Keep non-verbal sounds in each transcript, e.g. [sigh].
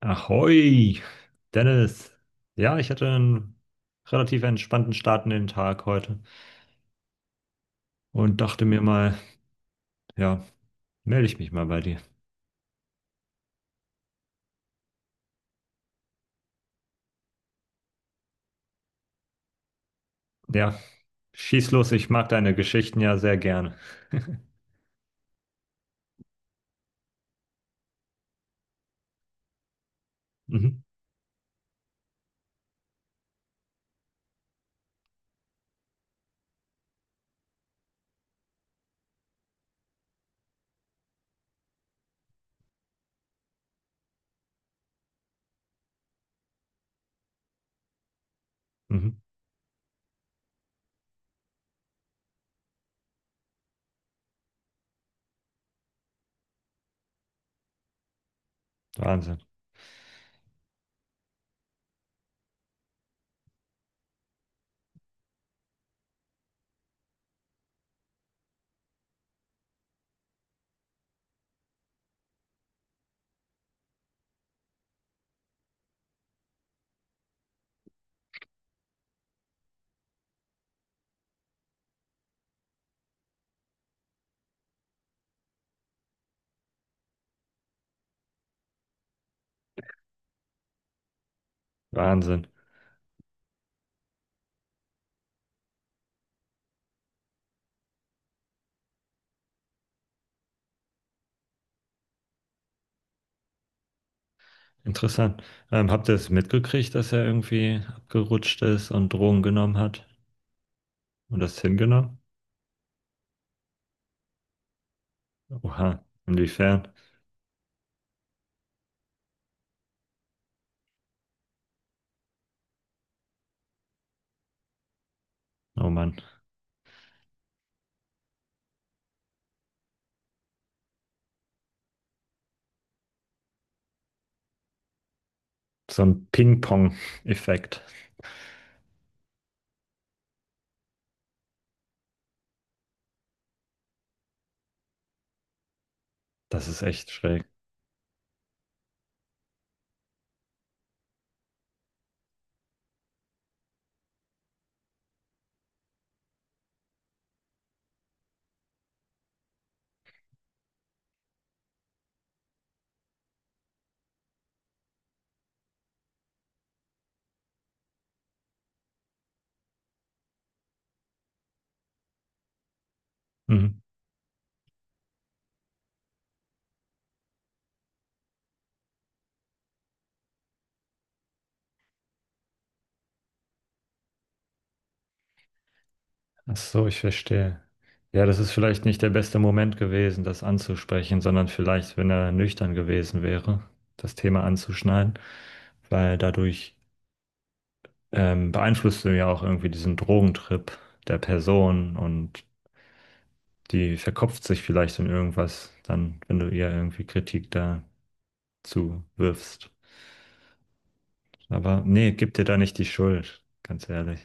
Ahoi, Dennis. Ja, ich hatte einen relativ entspannten Start in den Tag heute und dachte mir mal, ja, melde ich mich mal bei dir. Ja, schieß los, ich mag deine Geschichten ja sehr gerne. Mhm. Mhm. Wahnsinn. Wahnsinn. Interessant. Habt ihr es mitgekriegt, dass er irgendwie abgerutscht ist und Drogen genommen hat und das hingenommen? Oha, inwiefern? Oh Mann, so ein Ping-Pong-Effekt. Das ist echt schräg. Mhm. Ach so, ich verstehe. Ja, das ist vielleicht nicht der beste Moment gewesen, das anzusprechen, sondern vielleicht, wenn er nüchtern gewesen wäre, das Thema anzuschneiden, weil dadurch beeinflusst du ja auch irgendwie diesen Drogentrip der Person, und die verkopft sich vielleicht in irgendwas, dann, wenn du ihr irgendwie Kritik dazu wirfst. Aber nee, gib dir da nicht die Schuld, ganz ehrlich.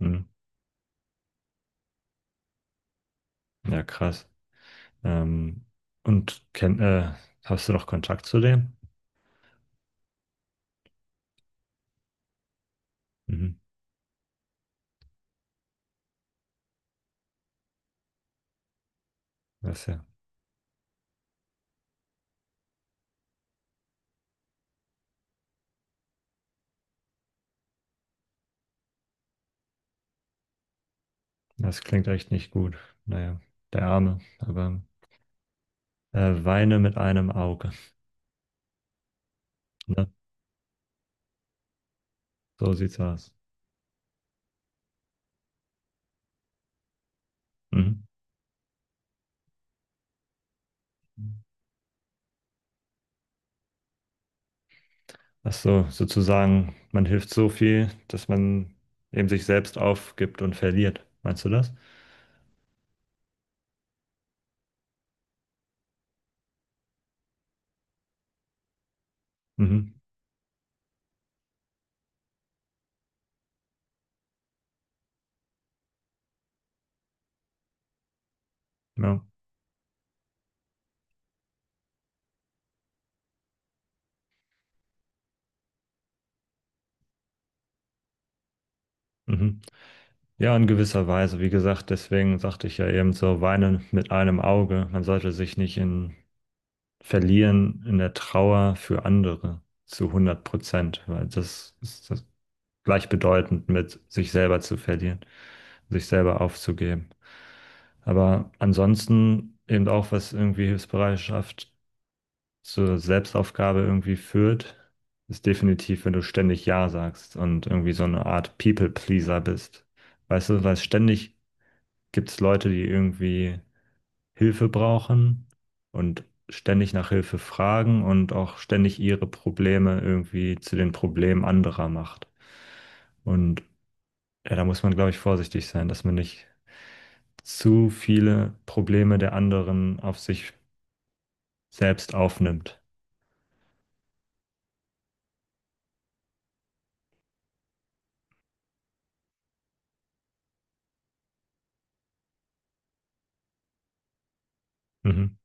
Hm. Ja, krass. Ähm, und kenn, äh, hast du noch Kontakt zu dem? Mhm. Das, ja, das klingt echt nicht gut. Naja, der Arme, aber weine mit einem Auge. Ne? So sieht's aus. Mhm. Ach so, sozusagen, man hilft so viel, dass man eben sich selbst aufgibt und verliert. Meinst du das? Mhm. Ja. Mhm. Ja, in gewisser Weise. Wie gesagt, deswegen sagte ich ja eben so, weinen mit einem Auge. Man sollte sich nicht in verlieren in der Trauer für andere zu 100%, weil das ist das, gleichbedeutend mit sich selber zu verlieren, sich selber aufzugeben. Aber ansonsten eben auch, was irgendwie Hilfsbereitschaft zur Selbstaufgabe irgendwie führt, ist definitiv, wenn du ständig Ja sagst und irgendwie so eine Art People-Pleaser bist. Weißt du, weil ständig gibt es Leute, die irgendwie Hilfe brauchen und ständig nach Hilfe fragen und auch ständig ihre Probleme irgendwie zu den Problemen anderer macht. Und ja, da muss man, glaube ich, vorsichtig sein, dass man nicht zu viele Probleme der anderen auf sich selbst aufnimmt. Mhm.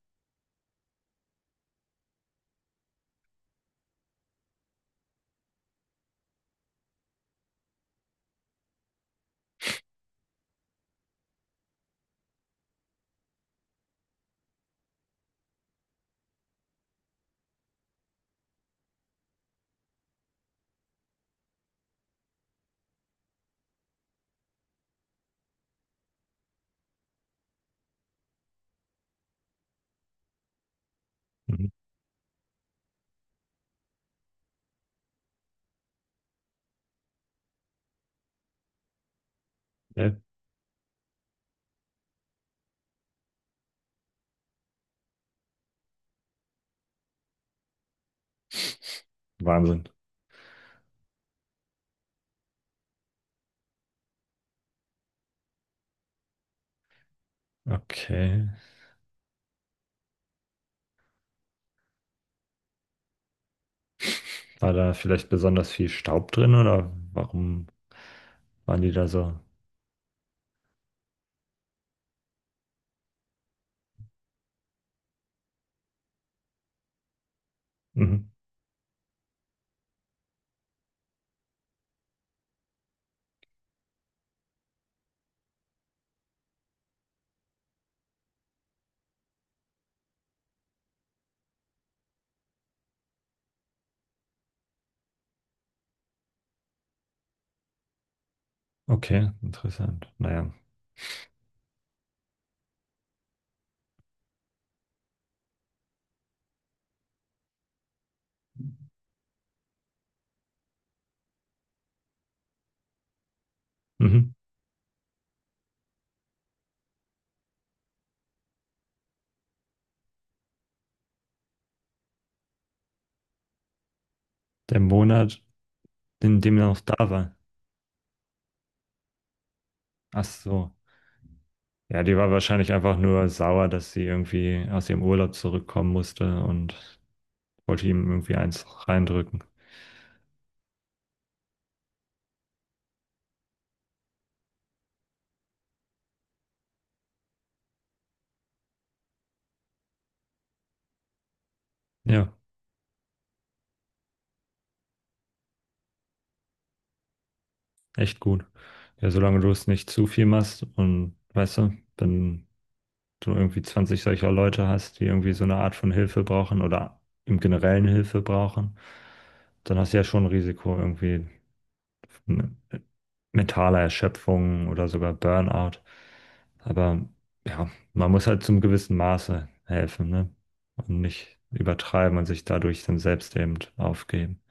Mhm. Ja, Wahnsinn. Okay. War da vielleicht besonders viel Staub drin oder warum waren die da so? Mhm. Okay, interessant. Naja. Mhm. Der Monat, in dem er noch da war. Ach so. Ja, die war wahrscheinlich einfach nur sauer, dass sie irgendwie aus ihrem Urlaub zurückkommen musste und wollte ihm irgendwie eins reindrücken. Ja. Echt gut. Ja, solange du es nicht zu viel machst, und weißt du, wenn du irgendwie 20 solcher Leute hast, die irgendwie so eine Art von Hilfe brauchen oder im Generellen Hilfe brauchen, dann hast du ja schon ein Risiko irgendwie von mentaler Erschöpfung oder sogar Burnout. Aber ja, man muss halt zum gewissen Maße helfen, ne? Und nicht übertreiben und sich dadurch dann selbst eben aufgeben.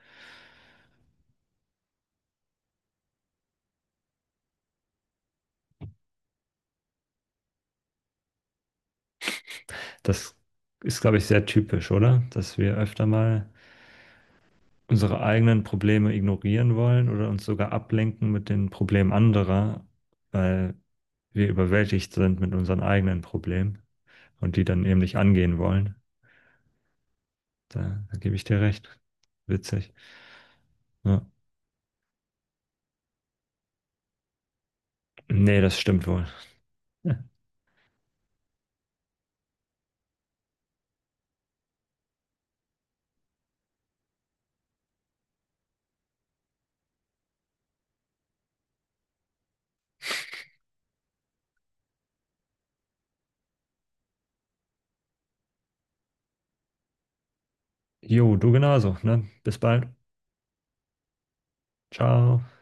Das ist, glaube ich, sehr typisch, oder? Dass wir öfter mal unsere eigenen Probleme ignorieren wollen oder uns sogar ablenken mit den Problemen anderer, weil wir überwältigt sind mit unseren eigenen Problemen und die dann eben nicht angehen wollen. Da gebe ich dir recht. Witzig. Ja. Nee, das stimmt wohl. [laughs] Jo, du genauso, ne? Bis bald. Ciao.